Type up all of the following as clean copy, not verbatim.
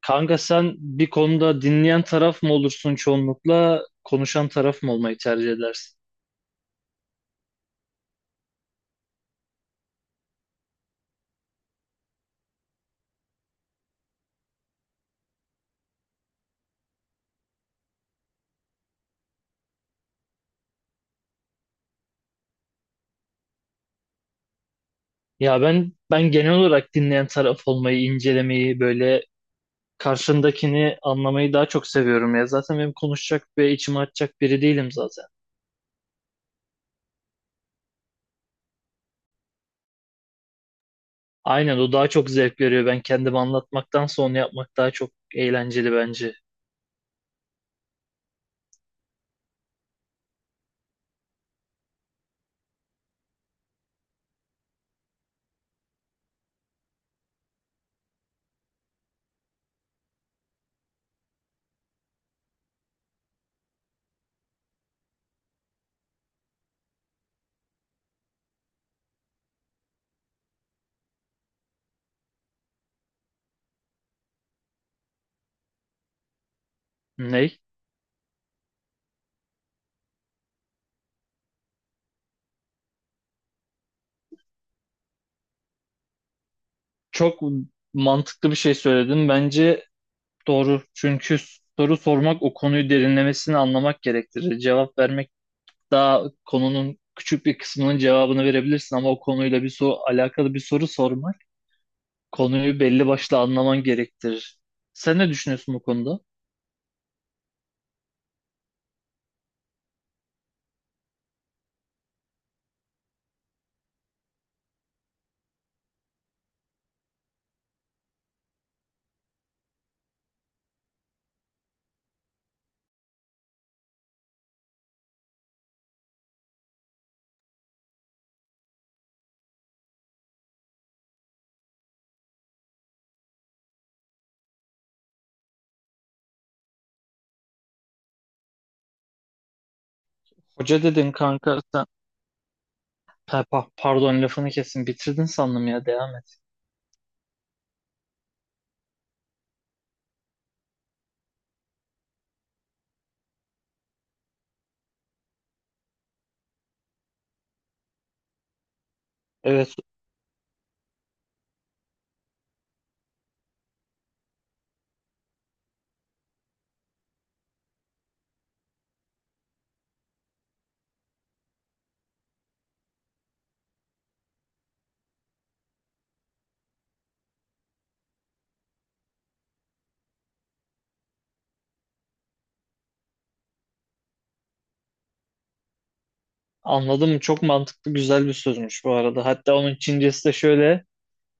Kanka sen bir konuda dinleyen taraf mı olursun çoğunlukla, konuşan taraf mı olmayı tercih edersin? Ya ben genel olarak dinleyen taraf olmayı, incelemeyi, böyle karşındakini anlamayı daha çok seviyorum ya. Zaten benim konuşacak ve içime açacak biri değilim zaten. Aynen, o daha çok zevk veriyor. Ben kendimi anlatmaktan sonra yapmak daha çok eğlenceli bence. Ney? Çok mantıklı bir şey söyledin. Bence doğru. Çünkü soru sormak o konuyu derinlemesine anlamak gerektirir. Cevap vermek daha konunun küçük bir kısmının cevabını verebilirsin ama o konuyla bir soru, alakalı bir soru sormak konuyu belli başlı anlaman gerektirir. Sen ne düşünüyorsun bu konuda? Hoca dedin kanka sen Pardon, lafını kesin bitirdin sandım ya, devam et. Evet, anladım, çok mantıklı güzel bir sözmüş bu arada. Hatta onun Çincesi de şöyle: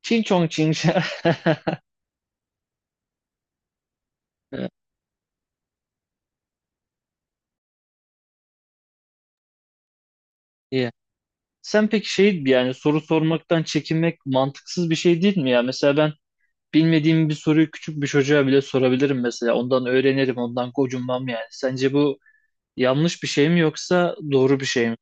Çin çong çin. Evet. İyi. Sen peki şey, yani soru sormaktan çekinmek mantıksız bir şey değil mi ya? Mesela ben bilmediğim bir soruyu küçük bir çocuğa bile sorabilirim mesela. Ondan öğrenirim, ondan gocunmam yani. Sence bu yanlış bir şey mi yoksa doğru bir şey mi?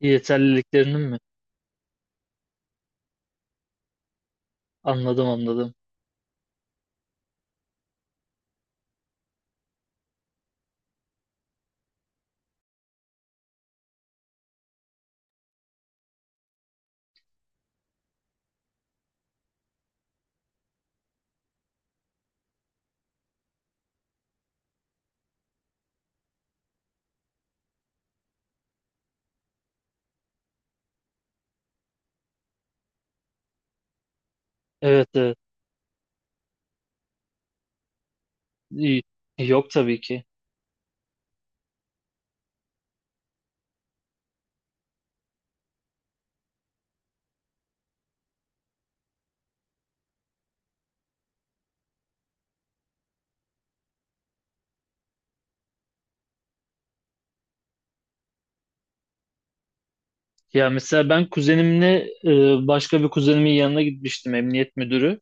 Yeterliliklerinin mi? Anladım, anladım. Evet, evet. İyi. Yok tabii ki. Ya mesela ben kuzenimle, başka bir kuzenimin yanına gitmiştim, emniyet müdürü.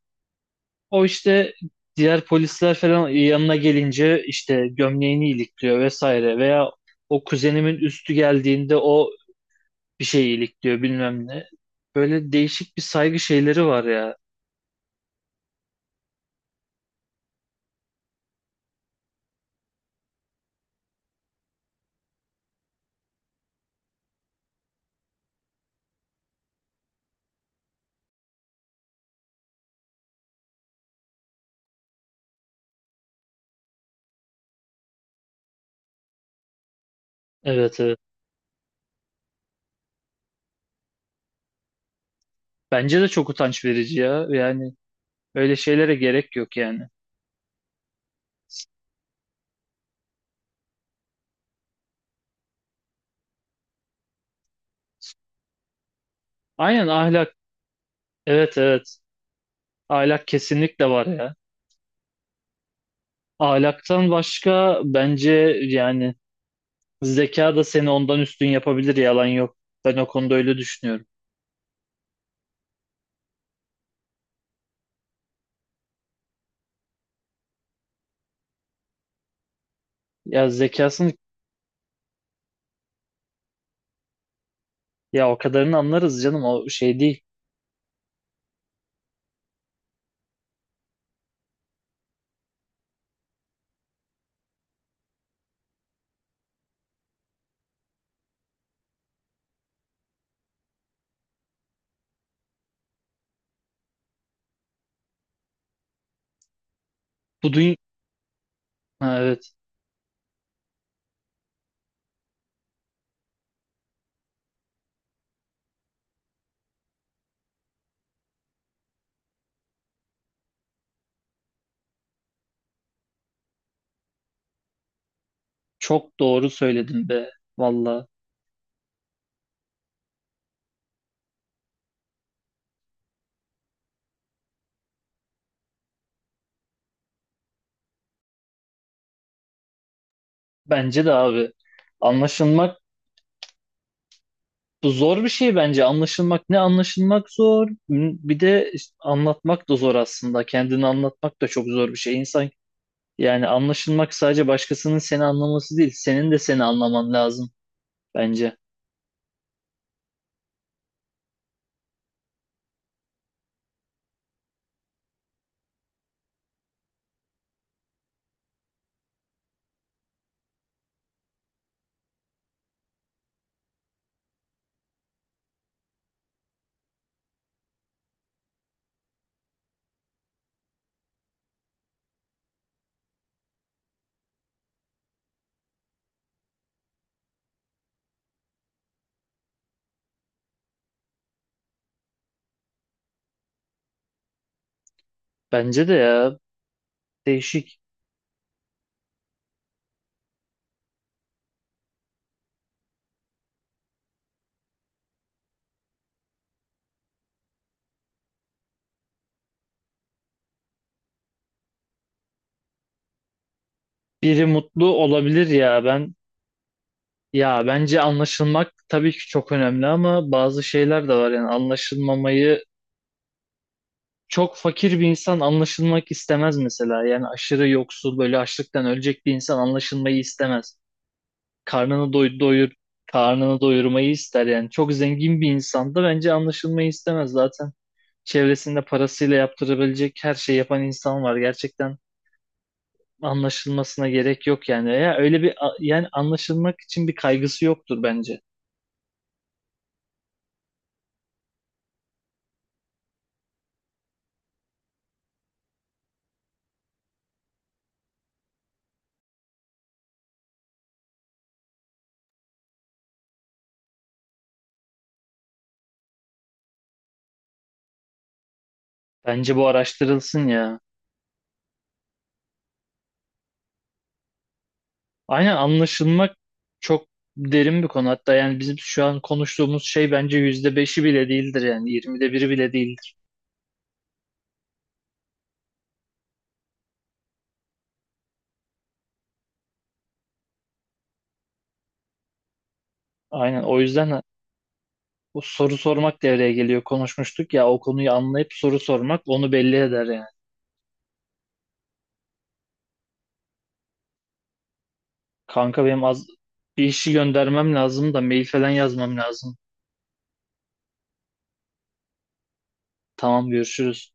O işte, diğer polisler falan yanına gelince işte gömleğini ilikliyor vesaire, veya o kuzenimin üstü geldiğinde o bir şey iyilikliyor bilmem ne. Böyle değişik bir saygı şeyleri var ya. Evet, evet. Bence de çok utanç verici ya. Yani öyle şeylere gerek yok yani. Aynen, ahlak. Evet, evet. Ahlak kesinlikle var ya. Ahlaktan başka bence, yani zeka da seni ondan üstün yapabilir, yalan yok. Ben o konuda öyle düşünüyorum. Ya zekasını, ya o kadarını anlarız canım, o şey değil. Bu dünya, evet, çok doğru söyledin be, valla. Bence de abi, anlaşılmak. Bu zor bir şey bence. Anlaşılmak, ne anlaşılmak zor. Bir de işte anlatmak da zor aslında. Kendini anlatmak da çok zor bir şey. İnsan, yani anlaşılmak sadece başkasının seni anlaması değil. Senin de seni anlaman lazım bence. Bence de ya, değişik. Biri mutlu olabilir ya, ben, ya bence anlaşılmak tabii ki çok önemli ama bazı şeyler de var yani anlaşılmamayı, çok fakir bir insan anlaşılmak istemez mesela. Yani aşırı yoksul, böyle açlıktan ölecek bir insan anlaşılmayı istemez. karnını doy doyur karnını doyurmayı ister yani. Çok zengin bir insan da bence anlaşılmayı istemez zaten. Çevresinde parasıyla yaptırabilecek her şeyi yapan insan var. Gerçekten anlaşılmasına gerek yok yani. Ya öyle bir, yani anlaşılmak için bir kaygısı yoktur bence. Bence bu araştırılsın ya. Aynen, anlaşılmak çok derin bir konu. Hatta yani bizim şu an konuştuğumuz şey bence %5'i bile değildir yani. 1/20'si bile değildir. Aynen, o yüzden bu soru sormak devreye geliyor. Konuşmuştuk ya, o konuyu anlayıp soru sormak onu belli eder yani. Kanka benim az bir işi göndermem lazım da, mail falan yazmam lazım. Tamam, görüşürüz.